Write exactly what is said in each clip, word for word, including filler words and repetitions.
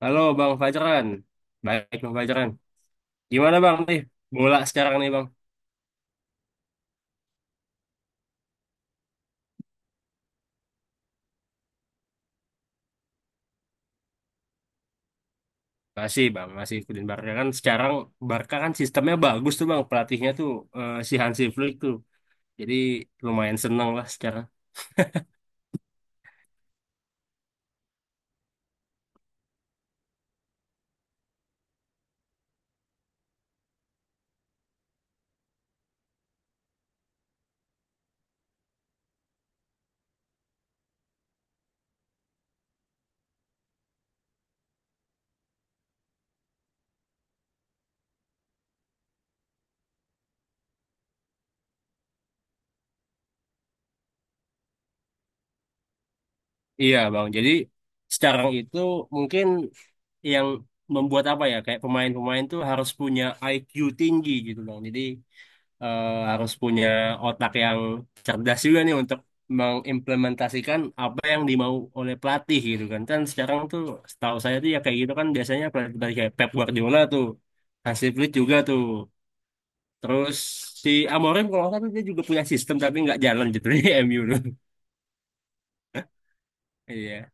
Halo Bang Fajran, baik Bang Fajran. Gimana Bang nih bola sekarang nih Bang? Masih Bang, masih ikutin Barca kan sekarang Barca kan sistemnya bagus tuh Bang, pelatihnya tuh eh, si Hansi Flick tuh. Jadi lumayan seneng lah sekarang. Iya Bang, jadi sekarang itu mungkin yang membuat apa ya kayak pemain-pemain tuh harus punya I Q tinggi gitu Bang. Jadi eh, harus punya otak yang cerdas juga nih untuk mengimplementasikan apa yang dimau oleh pelatih gitu kan. Kan sekarang tuh setahu saya tuh ya kayak gitu kan biasanya pelatih kayak Pep Guardiola tuh, Hansi Flick juga tuh. Terus si Amorim kalau nggak salah tuh dia juga punya sistem tapi nggak jalan gitu di M U tuh. Iya.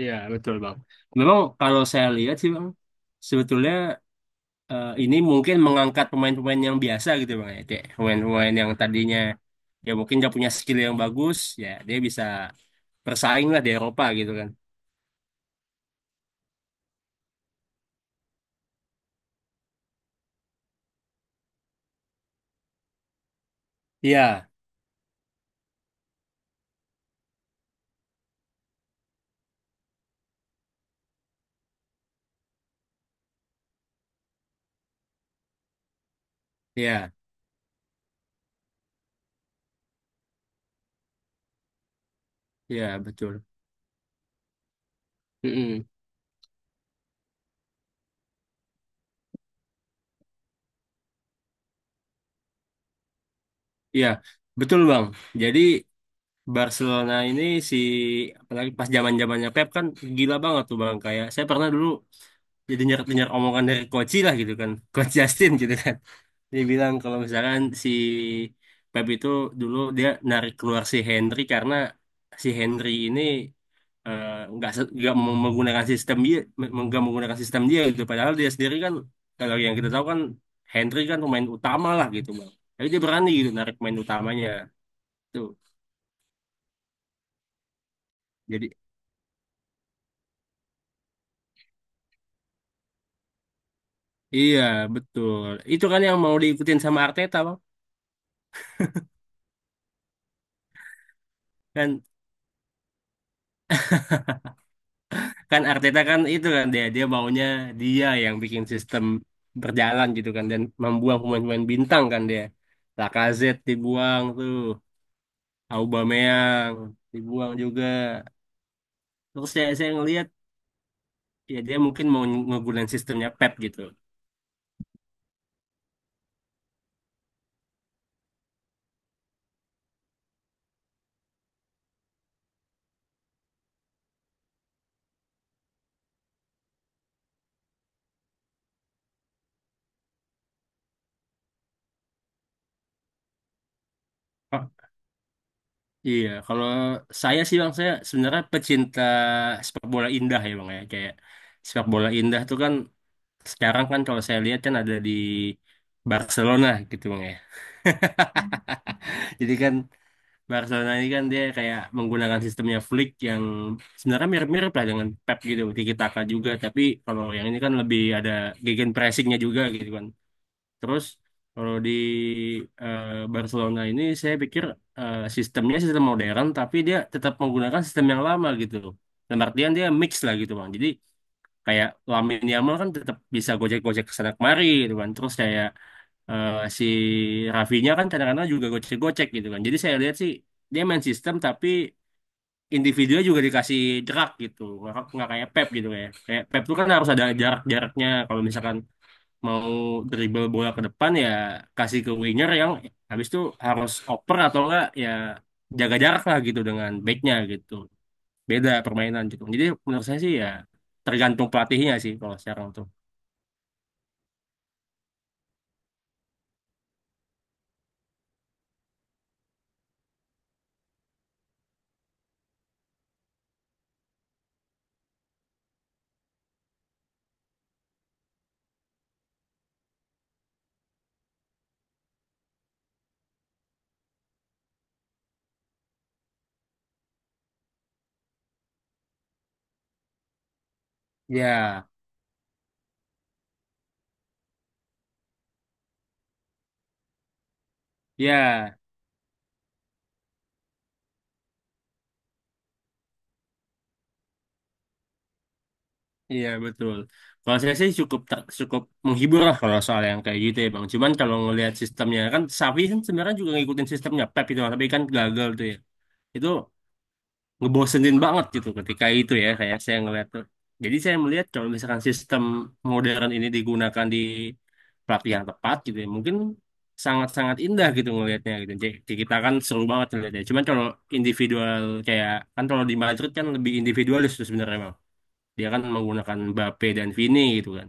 Iya, betul Bang. Memang kalau saya lihat sih Bang, sebetulnya eh, ini mungkin mengangkat pemain-pemain yang biasa gitu bang ya kayak pemain-pemain yang tadinya ya mungkin nggak punya skill yang bagus ya dia bisa bersaing lah di Eropa gitu kan. Iya, iya, iya, betul. Mm-mm. Iya betul bang, jadi Barcelona ini si apalagi pas zaman zamannya Pep kan gila banget tuh bang kayak saya pernah dulu jadi dengar dengar omongan dari Koci lah gitu kan Coach Justin gitu kan. Dia bilang kalau misalkan si Pep itu dulu dia narik keluar si Henry karena si Henry ini eh, nggak se- nggak mem- menggunakan sistem dia me- nggak menggunakan sistem dia gitu. Padahal dia sendiri kan kalau yang kita tahu kan Henry kan pemain utama lah gitu bang. Tapi dia berani gitu narik pemain utamanya tuh. Jadi, iya betul. Itu kan yang mau diikutin sama Arteta bang. Kan kan Arteta kan itu kan dia dia maunya dia yang bikin sistem berjalan gitu kan, dan membuang pemain-pemain bintang kan dia. Lacazette dibuang tuh, Aubameyang dibuang juga. Terus saya saya ngelihat ya dia mungkin mau ngegunain sistemnya Pep gitu. Oh, iya kalau saya sih bang, saya sebenarnya pecinta sepak bola indah ya bang ya, kayak sepak bola indah tuh kan sekarang kan kalau saya lihat kan ada di Barcelona gitu bang ya. Jadi kan Barcelona ini kan dia kayak menggunakan sistemnya Flick yang sebenarnya mirip-mirip lah dengan Pep gitu, Tiki Taka juga. Tapi kalau yang ini kan lebih ada gegen pressingnya juga gitu kan. Terus kalau di eh, Barcelona ini saya pikir eh, sistemnya sistem modern, tapi dia tetap menggunakan sistem yang lama gitu. Dan artian dia mix lah gitu bang. Jadi kayak Lamine Yamal kan tetap bisa gojek-gojek kesana kemari gitu kan. Terus kayak eh, si Rafinya kan kadang-kadang juga gocek-gocek gitu kan. Jadi saya lihat sih dia main sistem tapi individunya juga dikasih jerak gitu. Nggak, nggak kayak Pep gitu ya. Kayak Pep tuh kan harus ada jarak-jaraknya. Kalau misalkan mau dribble bola ke depan ya kasih ke winger yang habis itu harus oper, atau enggak ya jaga jarak lah gitu dengan backnya gitu. Beda permainan gitu. Jadi menurut saya sih ya tergantung pelatihnya sih kalau sekarang tuh. Ya, ya. Iya betul. Kalau saya sih cukup tak cukup menghibur lah kalau soal yang kayak gitu ya bang. Cuman kalau ngelihat sistemnya kan Safi kan sebenarnya juga ngikutin sistemnya Pep itu tapi kan gagal tuh ya. Itu ngebosenin banget gitu ketika itu ya kayak saya ngelihat tuh. Jadi saya melihat kalau misalkan sistem modern ini digunakan di pelatih yang tepat gitu ya mungkin sangat-sangat indah gitu ngelihatnya gitu. Jadi kita kan seru banget ngelihatnya. Cuman kalau individual kayak kan kalau di Madrid kan lebih individualis tuh sebenarnya dia kan menggunakan Mbappe dan Vini gitu kan.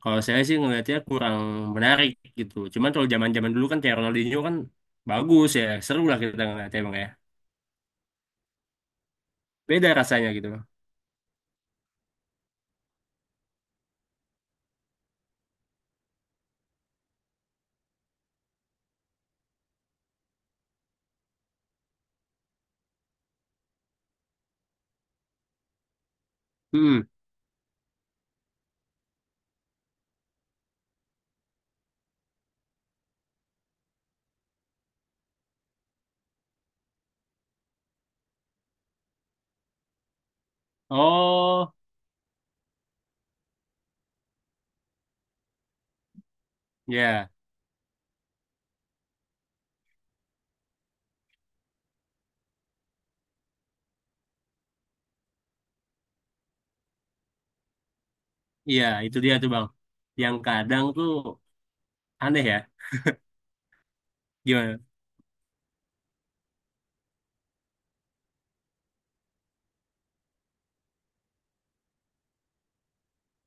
Kalau saya sih ngelihatnya kurang menarik gitu. Cuman kalau zaman-zaman dulu kan kayak Ronaldinho kan bagus ya, seru lah kita ngeliatnya bang ya. Beda rasanya gitu bang. Hmm. Oh, ya, iya itu dia tuh bang. Yang kadang tuh aneh ya. Gimana?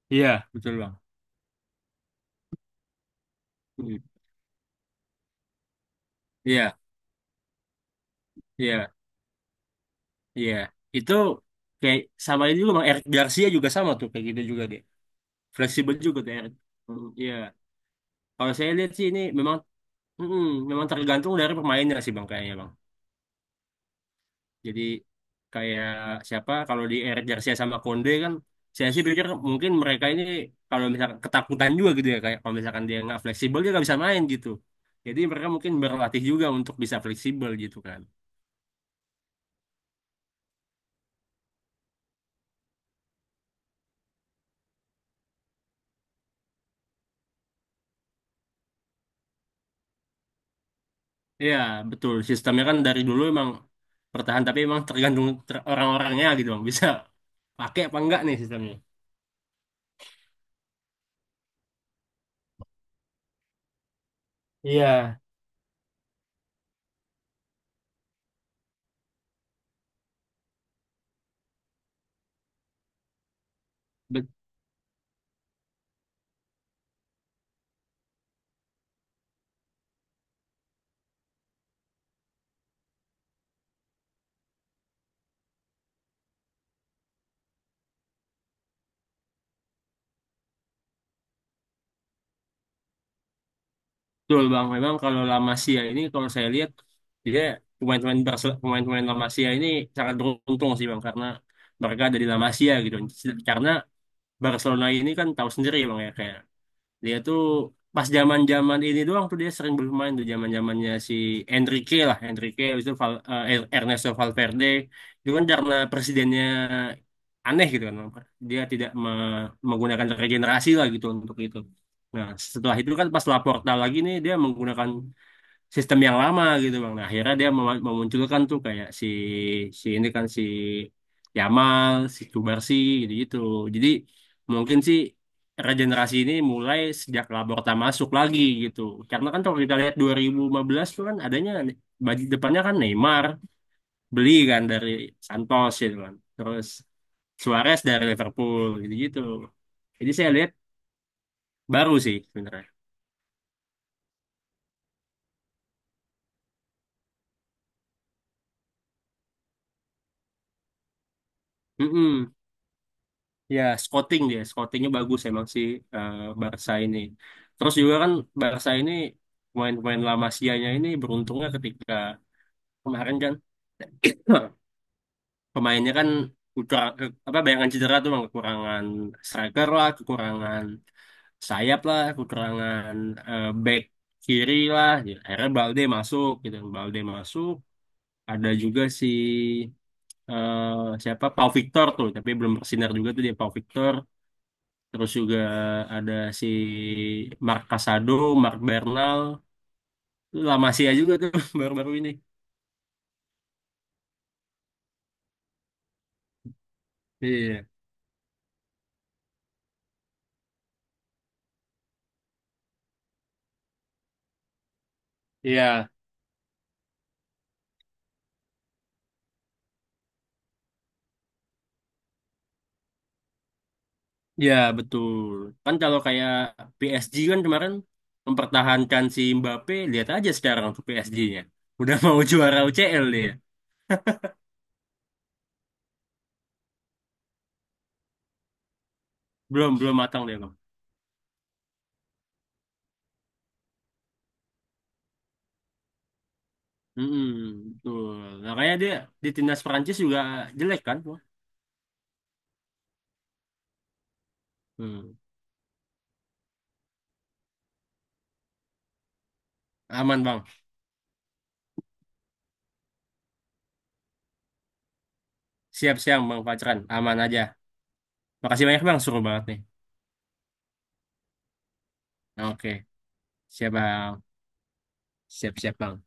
Iya, betul bang. Hmm. Iya, iya, iya. Itu kayak sama ini juga bang. Eric Garcia juga sama tuh kayak gitu juga dia. Fleksibel juga tuh Eric. Hmm, iya. Kalau saya lihat sih ini memang Mm-mm, memang tergantung dari pemainnya sih bang kayaknya bang. Jadi kayak siapa kalau di Eric Garcia sama Konde kan, saya sih pikir mungkin mereka ini kalau misalkan ketakutan juga gitu ya kayak kalau misalkan dia nggak fleksibel dia nggak bisa main gitu. Jadi mereka mungkin berlatih juga untuk bisa fleksibel gitu kan. Iya betul, sistemnya kan dari dulu emang bertahan tapi emang tergantung ter- orang-orangnya gitu bang, bisa pakai apa enggak nih sistemnya. Iya, betul Bang, memang kalau La Masia ini kalau saya lihat dia pemain-pemain Barce- pemain-pemain La Masia ini sangat beruntung sih Bang karena mereka ada di La Masia gitu. Karena Barcelona ini kan tahu sendiri Bang ya, kayak dia tuh pas zaman-zaman ini doang tuh dia sering bermain tuh zaman-zamannya si Enrique lah, Enrique habis itu Val- eh, Er- Ernesto Valverde. Itu kan karena presidennya aneh gitu kan. Dia tidak me- menggunakan regenerasi lah gitu untuk itu. Nah, setelah itu kan pas Laporta lagi nih dia menggunakan sistem yang lama gitu bang. Nah, akhirnya dia mem- memunculkan tuh kayak si si ini kan si Yamal, si Kubarsi gitu-gitu. Jadi mungkin sih regenerasi ini mulai sejak Laporta masuk lagi gitu. Karena kan kalau kita lihat dua nol satu lima tuh kan adanya baju depannya kan Neymar beli kan dari Santos gitu kan. Terus Suarez dari Liverpool gitu-gitu. Jadi saya lihat baru sih sebenarnya. Mm-mm. Ya, scouting dia, scoutingnya bagus emang sih eh, Barca ini. Terus juga kan Barca ini pemain-pemain La Masia-nya ini beruntungnya ketika kemarin kan pemainnya kan kurang apa bayangan cedera tuh bang, kekurangan striker lah, kekurangan sayap lah, kekurangan eh, back kiri lah. Ya, akhirnya Balde masuk gitu, Balde masuk. Ada juga si eh, siapa Pau Victor tuh, tapi belum bersinar juga tuh dia Pau Victor. Terus juga ada si Mark Casado, Mark Bernal, lama sih ya juga tuh baru-baru ini. Iya, iya, iya betul. Kan kalau kayak P S G kan kemarin mempertahankan si Mbappe, lihat aja sekarang tuh P S G-nya. Udah mau juara U C L dia. Belum, belum matang dia, Bang. Mm-mm, betul. Makanya dia di timnas Prancis juga jelek kan. Hmm. Aman, Bang. Siap-siap, Bang Pacran. Aman aja. Makasih banyak, Bang. Suruh banget nih. Oke. Siap, Bang. Siap-siap, Bang.